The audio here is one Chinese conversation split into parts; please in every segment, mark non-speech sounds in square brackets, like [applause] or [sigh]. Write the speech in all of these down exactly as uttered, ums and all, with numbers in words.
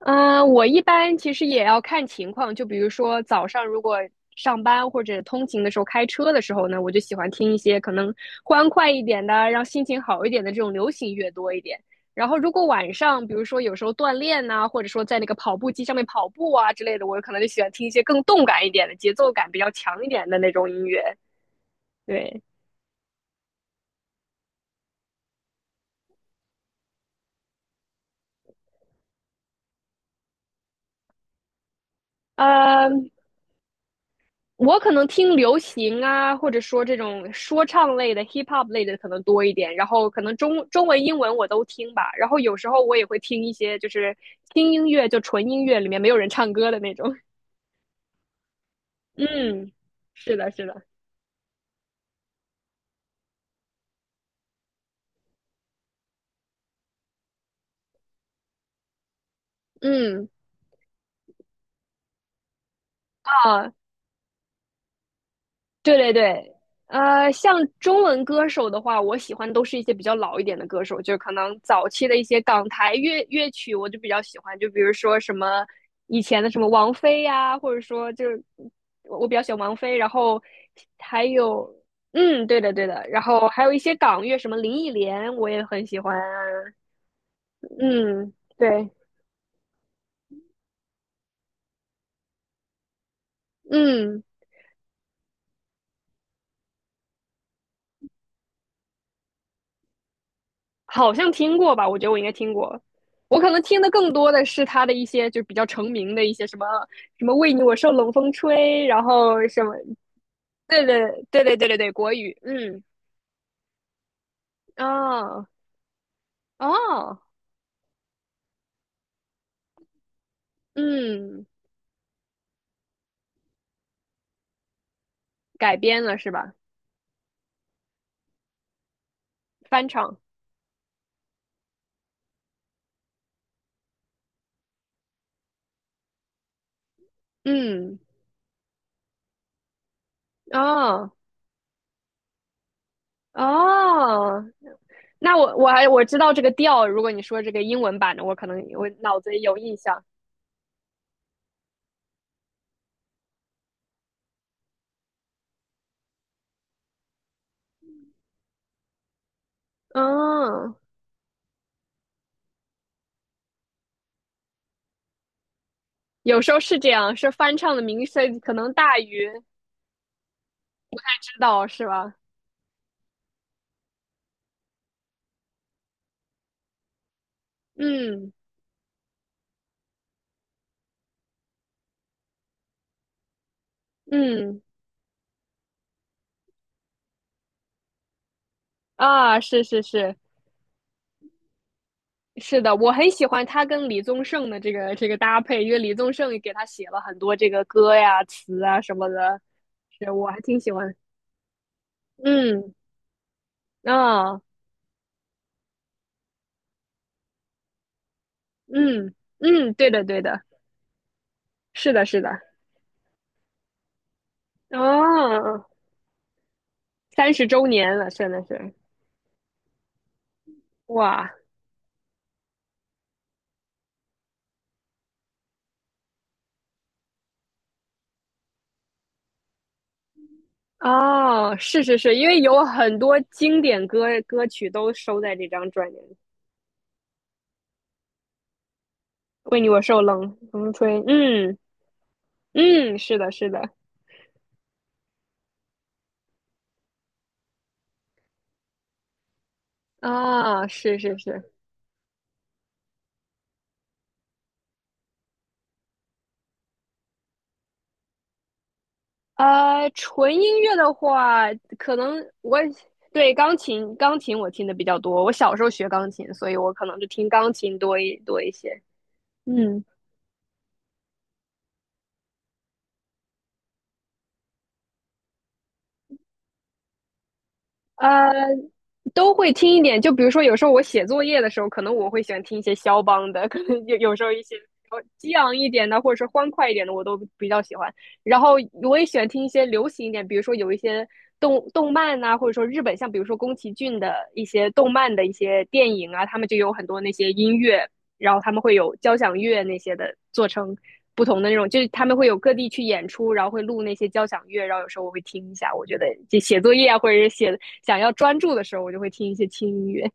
嗯，我一般其实也要看情况，就比如说早上如果上班或者通勤的时候开车的时候呢，我就喜欢听一些可能欢快一点的，让心情好一点的这种流行乐多一点。然后如果晚上，比如说有时候锻炼呐、或者说在那个跑步机上面跑步啊之类的，我可能就喜欢听一些更动感一点的、节奏感比较强一点的那种音乐。对，嗯。我可能听流行啊，或者说这种说唱类的、hip hop 类的可能多一点，然后可能中中文、英文我都听吧，然后有时候我也会听一些就是轻音乐，就纯音乐里面没有人唱歌的那种。[laughs] 嗯，是的，是的，嗯。啊。对对对，呃，像中文歌手的话，我喜欢都是一些比较老一点的歌手，就可能早期的一些港台乐乐曲，我就比较喜欢，就比如说什么以前的什么王菲呀、或者说就是我我比较喜欢王菲，然后还有嗯，对的对的，然后还有一些港乐，什么林忆莲，我也很喜欢啊嗯，对，嗯。好像听过吧？我觉得我应该听过。我可能听的更多的是他的一些就比较成名的一些什么什么为你我受冷风吹，然后什么，对对对对对对对，国语，嗯，哦哦，嗯，改编了是吧？翻唱，嗯，哦哦，那我我还我知道这个调，如果你说这个英文版的，我可能我脑子里有印象，嗯、有时候是这样，是翻唱的名声可能大于知道是吧？嗯嗯啊，是是是是的，我很喜欢他跟李宗盛的这个这个搭配，因为李宗盛也给他写了很多这个歌呀、词啊什么的，是我还挺喜欢。嗯啊嗯嗯，对的对的，是的是的。哦，三十周年了，真的是哇！哦，是是是，因为有很多经典歌歌曲都收在这张专辑里。为你我受冷风吹，嗯嗯，是的，是的，啊，是是是，呃，纯音乐的话，可能我对钢琴，钢琴我听的比较多。我小时候学钢琴，所以我可能就听钢琴多一多一些。嗯。呃，都会听一点。就比如说，有时候我写作业的时候，可能我会喜欢听一些肖邦的，可能有有时候一些呃激昂一点的，或者是欢快一点的，我都比较喜欢。然后我也喜欢听一些流行一点，比如说有一些动动漫呐、或者说日本，像比如说宫崎骏的一些动漫的一些电影啊，他们就有很多那些音乐，然后他们会有交响乐那些的做成。不同的那种，就是他们会有各地去演出，然后会录那些交响乐，然后有时候我会听一下，我觉得就写作业啊，或者是写想要专注的时候，我就会听一些轻音乐。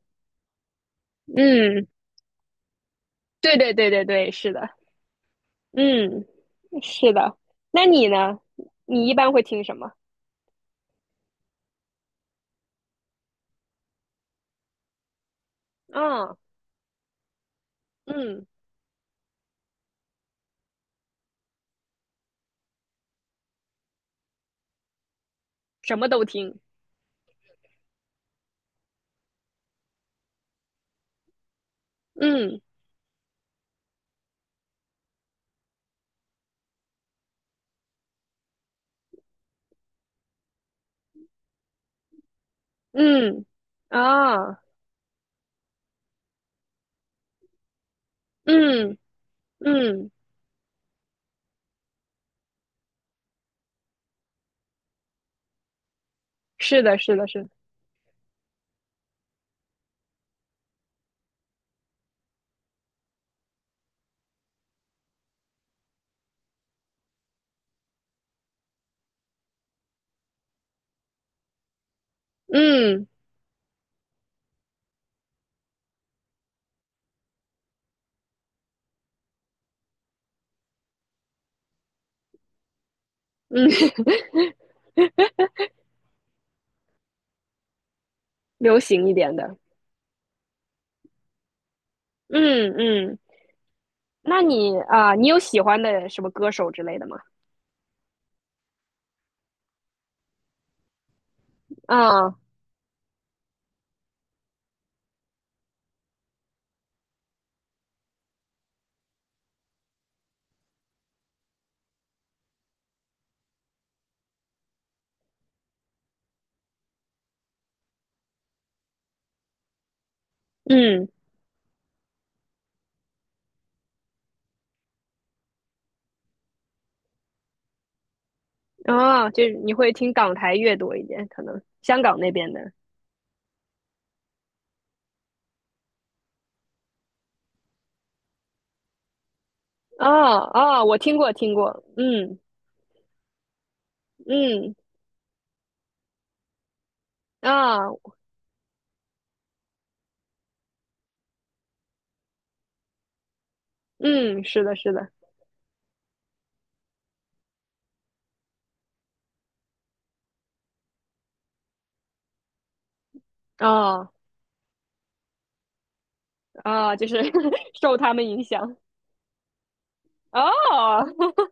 嗯，对对对对对，是的，嗯是的。那你呢？你一般会听什么？啊，嗯什么都听嗯嗯啊。嗯嗯是的，是的，是的，嗯嗯，[laughs] 流行一点的。嗯嗯那你啊，你有喜欢的什么歌手之类的吗？啊嗯啊，就是你会听港台乐多一点，可能香港那边的。啊啊，我听过听过，嗯嗯啊嗯，是的是的，啊啊，就是 [laughs] 受他们影响哦，[laughs]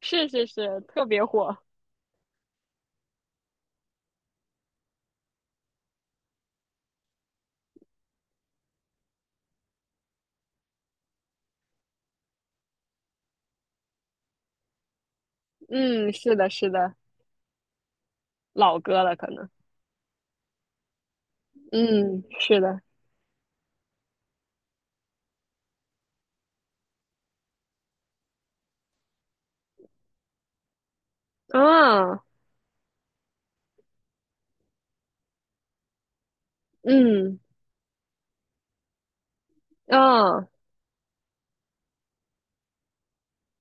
是是是，特别火，嗯，是的是的，老歌了可能，嗯，是的，啊嗯啊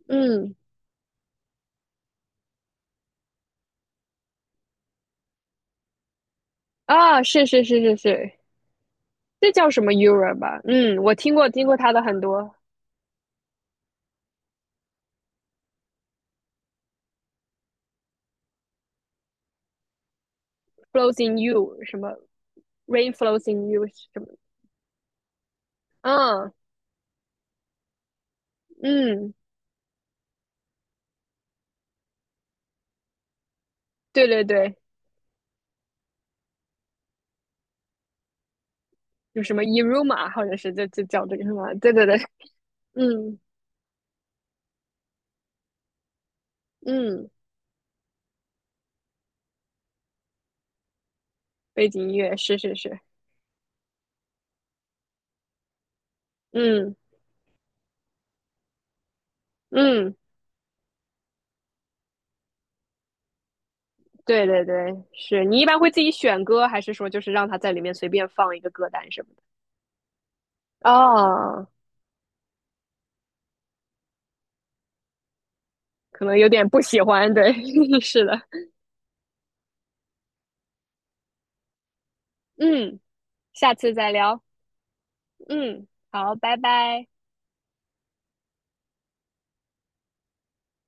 嗯啊，是是是是是，这叫什么 Euro 吧？嗯，我听过听过他的很多，Flows in You 什么 Rain Flows in You 什么啊嗯嗯。对对对，有什么 Iruma，或者是这这叫这个什么？对对对，嗯嗯，背景音乐是是是，嗯嗯，对对对，是你一般会自己选歌，还是说就是让他在里面随便放一个歌单什么的？哦，可能有点不喜欢，对，[laughs] 是的，嗯，下次再聊，嗯，好，拜拜。